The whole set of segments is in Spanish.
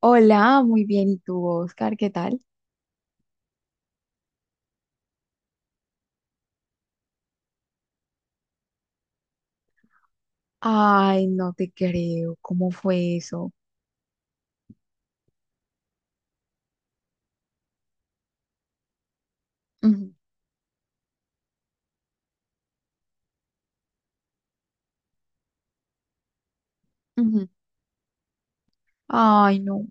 Hola, muy bien. ¿Y tú, Oscar? ¿Qué tal? Ay, no te creo. ¿Cómo fue eso? Ujú, ujú. Ay, no.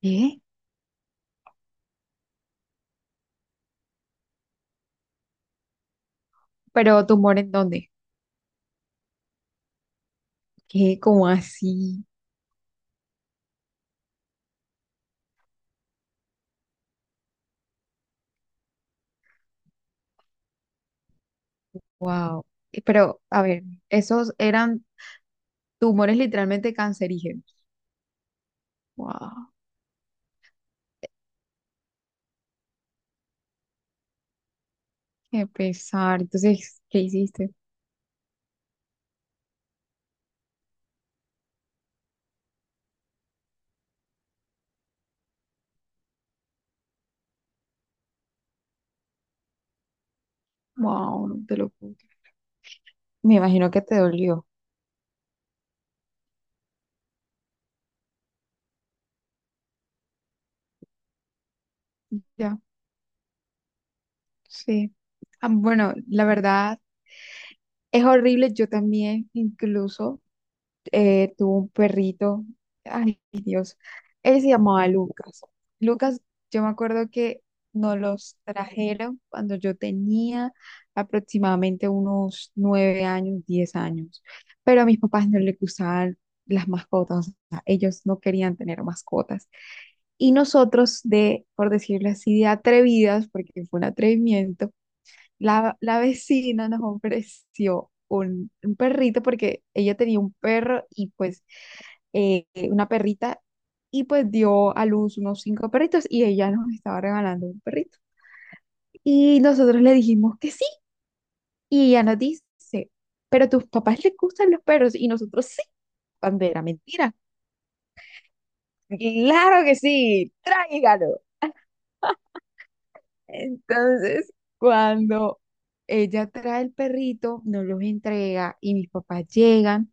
¿Qué? ¿Pero tumor en dónde? ¿Qué? ¿Cómo así? Wow. Pero, a ver, esos eran tumores literalmente cancerígenos. Wow. Qué pesar. Entonces, ¿qué hiciste? Wow, no te lo puedo creer. Me imagino que te dolió. Ya, sí. Ah, bueno, la verdad es horrible. Yo también, incluso. Tuvo un perrito, ay Dios, él se llamaba Lucas. Lucas, yo me acuerdo que nos los trajeron cuando yo tenía aproximadamente unos 9 años, 10 años, pero a mis papás no les gustaban las mascotas, o sea, ellos no querían tener mascotas. Y nosotros por decirlo así, de atrevidas, porque fue un atrevimiento, la vecina nos ofreció un perrito porque ella tenía un perro y pues eh, una perrita y pues dio a luz unos cinco perritos y ella nos estaba regalando un perrito. Y nosotros le dijimos que sí y ella nos dice, pero a tus papás les gustan los perros y nosotros sí, bandera, mentira. Claro que sí, tráigalo. Entonces, cuando ella trae el perrito, nos los entrega y mis papás llegan.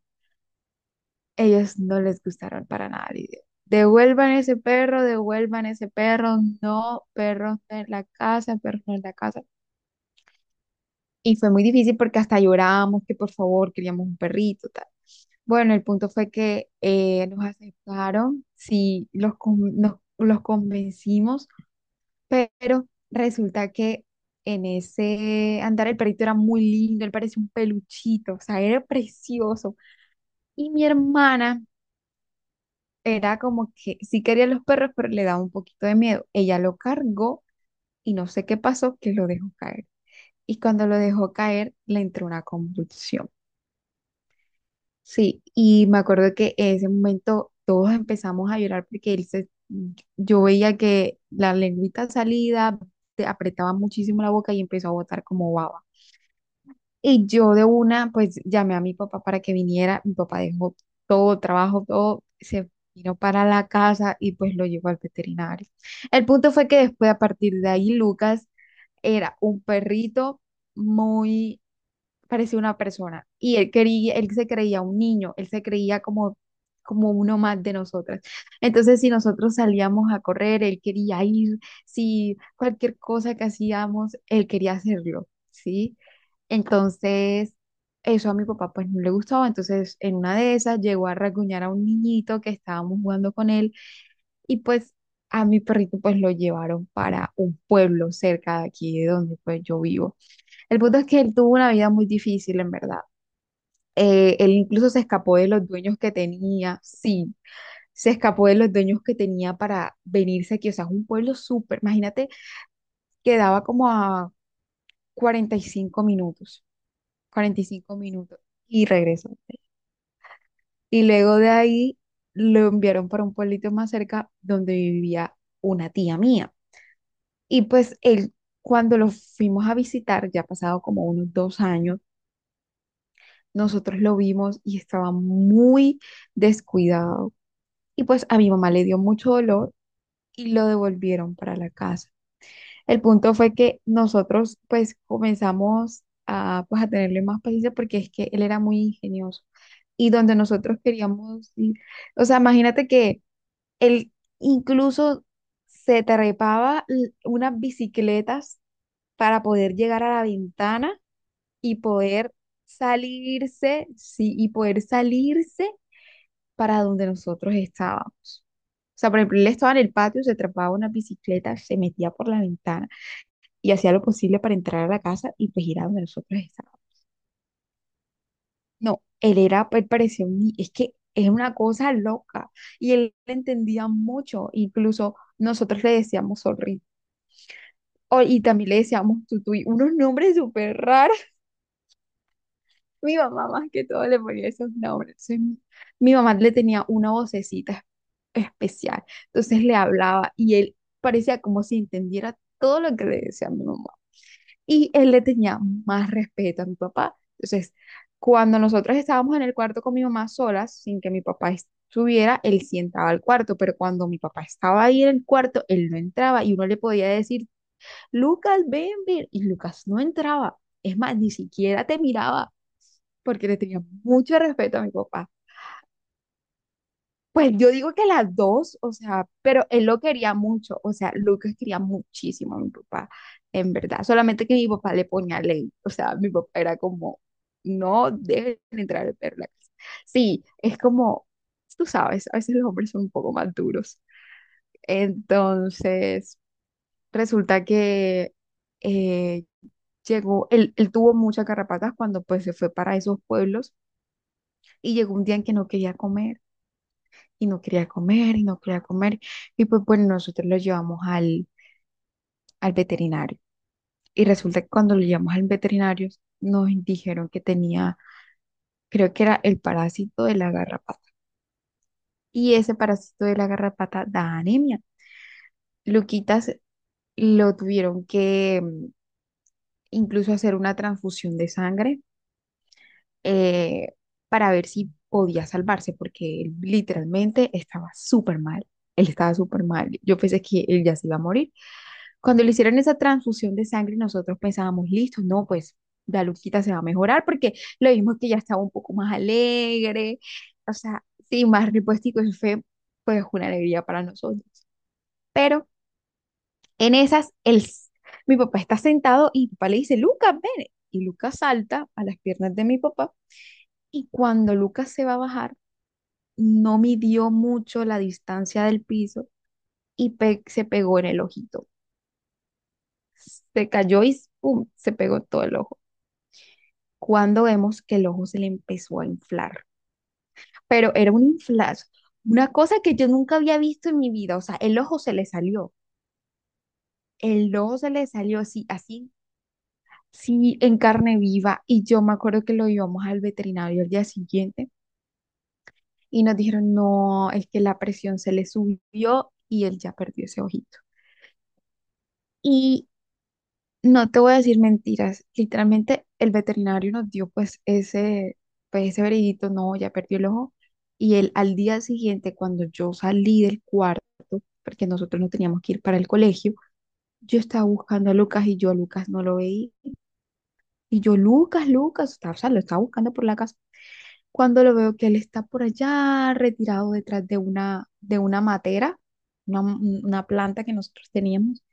Ellos no les gustaron para nada la idea. Devuelvan ese perro, no, perros en la casa, perros en la casa. Y fue muy difícil porque hasta llorábamos que por favor queríamos un perrito, tal. Bueno, el punto fue que nos aceptaron, sí, los convencimos, pero resulta que en ese andar el perrito era muy lindo, él parecía un peluchito, o sea, era precioso. Y mi hermana era como que sí quería los perros, pero le daba un poquito de miedo. Ella lo cargó y no sé qué pasó, que lo dejó caer. Y cuando lo dejó caer, le entró una convulsión. Sí, y me acuerdo que en ese momento todos empezamos a llorar porque yo veía que la lengüita salida, te apretaba muchísimo la boca y empezó a botar como baba. Y yo de una, pues llamé a mi papá para que viniera. Mi papá dejó todo, trabajo, todo, se vino para la casa y pues lo llevó al veterinario. El punto fue que después, a partir de ahí, Lucas era un perrito muy parecía una persona y él se creía un niño, él se creía como uno más de nosotras. Entonces, si nosotros salíamos a correr, él quería ir, si cualquier cosa que hacíamos, él quería hacerlo, ¿sí? Entonces, eso a mi papá pues no le gustaba, entonces en una de esas llegó a rasguñar a un niñito que estábamos jugando con él y pues a mi perrito pues lo llevaron para un pueblo cerca de aquí de donde pues yo vivo. El punto es que él tuvo una vida muy difícil, en verdad. Él incluso se escapó de los dueños que tenía, sí, se escapó de los dueños que tenía para venirse aquí. O sea, es un pueblo súper, imagínate, quedaba como a 45 minutos, 45 minutos y regresó. Y luego de ahí lo enviaron para un pueblito más cerca donde vivía una tía mía. Y pues él, cuando lo fuimos a visitar, ya ha pasado como unos 2 años. Nosotros lo vimos y estaba muy descuidado. Y pues a mi mamá le dio mucho dolor y lo devolvieron para la casa. El punto fue que nosotros pues comenzamos a, pues, a tenerle más paciencia porque es que él era muy ingenioso. Y donde nosotros queríamos, o sea, imagínate que él incluso se trepaba unas bicicletas para poder llegar a la ventana y poder salirse, sí, y poder salirse para donde nosotros estábamos. O sea, por ejemplo, él estaba en el patio, se atrapaba una bicicleta, se metía por la ventana y hacía lo posible para entrar a la casa y pues ir a donde nosotros estábamos. No, él era, él parecía un ni- es que es una cosa loca y él entendía mucho, incluso nosotros le decíamos sorry. Y también le decíamos tutu y unos nombres súper raros. Mi mamá más que todo le ponía esos nombres. Entonces, mi mamá le tenía una vocecita especial. Entonces le hablaba y él parecía como si entendiera todo lo que le decía a mi mamá. Y él le tenía más respeto a mi papá. Entonces, cuando nosotros estábamos en el cuarto con mi mamá solas, sin que mi papá estuviera, él sí entraba al cuarto, pero cuando mi papá estaba ahí en el cuarto, él no entraba y uno le podía decir, Lucas, ven, ven, y Lucas no entraba. Es más, ni siquiera te miraba porque le tenía mucho respeto a mi papá. Pues yo digo que las dos, o sea, pero él lo quería mucho, o sea, Lucas quería muchísimo a mi papá, en verdad, solamente que mi papá le ponía ley, o sea, mi papá era como, no dejen entrar el perro a la casa. Sí, es como, tú sabes, a veces los hombres son un poco más duros. Entonces, resulta que eh, él tuvo muchas carrapatas cuando pues se fue para esos pueblos y llegó un día en que no quería comer y no quería comer y no quería comer. Y pues bueno, nosotros lo llevamos al veterinario. Y resulta que cuando lo llevamos al veterinario nos dijeron que tenía, creo que era el parásito de la garrapata. Y ese parásito de la garrapata da anemia. Luquitas lo tuvieron que incluso hacer una transfusión de sangre eh, para ver si podía salvarse, porque él literalmente estaba súper mal. Él estaba súper mal. Yo pensé que él ya se iba a morir. Cuando le hicieron esa transfusión de sangre, nosotros pensábamos, listo, no, pues la Luquita se va a mejorar porque lo vimos que ya estaba un poco más alegre, o sea, sí, más repuestico, eso fue pues una alegría para nosotros. Pero en esas, mi papá está sentado y mi papá le dice, Lucas, ven. Y Lucas salta a las piernas de mi papá y cuando Lucas se va a bajar, no midió mucho la distancia del piso y se pegó en el ojito. Se cayó y ¡pum! Se pegó en todo el ojo. Cuando vemos que el ojo se le empezó a inflar. Pero era un inflazo, una cosa que yo nunca había visto en mi vida. O sea, el ojo se le salió, el ojo se le salió así, así, sí, en carne viva. Y yo me acuerdo que lo llevamos al veterinario al día siguiente y nos dijeron, no, es que la presión se le subió y él ya perdió ese ojito. Y no te voy a decir mentiras. Literalmente el veterinario nos dio pues ese veredicto, no, ya perdió el ojo. Y él al día siguiente, cuando yo salí del cuarto, porque nosotros no teníamos que ir para el colegio, yo estaba buscando a Lucas y yo a Lucas no lo veía. Y yo, Lucas, Lucas, estaba, o sea, lo estaba buscando por la casa. Cuando lo veo que él está por allá, retirado detrás de una matera, una planta que nosotros teníamos,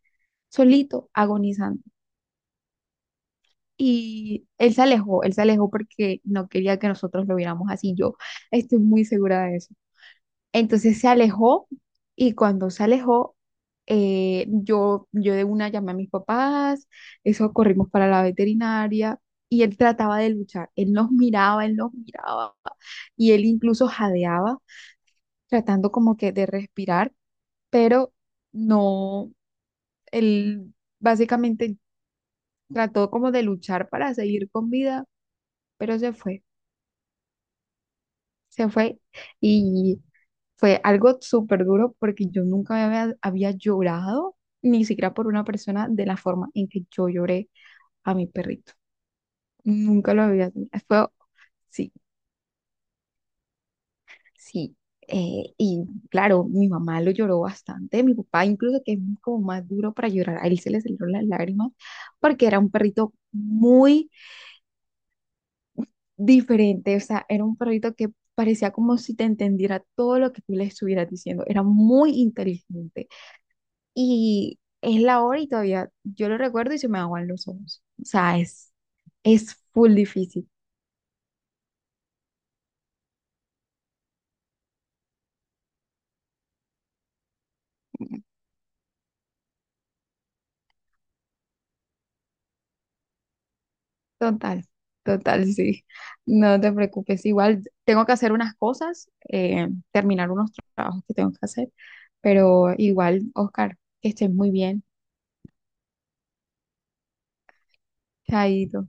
solito, agonizando. Y él se alejó porque no quería que nosotros lo viéramos así. Yo estoy muy segura de eso. Entonces se alejó y cuando se alejó, yo de una llamé a mis papás, eso corrimos para la veterinaria y él trataba de luchar. Él nos miraba y él incluso jadeaba, tratando como que de respirar, pero no, él básicamente trató como de luchar para seguir con vida, pero se fue. Se fue y fue algo súper duro porque yo nunca había llorado, ni siquiera por una persona, de la forma en que yo lloré a mi perrito. Nunca lo había tenido. Fue, sí, sí. Y claro, mi mamá lo lloró bastante, mi papá incluso que es como más duro para llorar, a él se le salieron las lágrimas porque era un perrito muy diferente, o sea, era un perrito que parecía como si te entendiera todo lo que tú le estuvieras diciendo, era muy inteligente. Y es la hora y todavía yo lo recuerdo y se me aguan los ojos. O sea, es full difícil. Total, total, sí. No te preocupes. Igual tengo que hacer unas cosas, terminar unos trabajos que tengo que hacer, pero igual, Oscar, que estés muy bien. Chaito.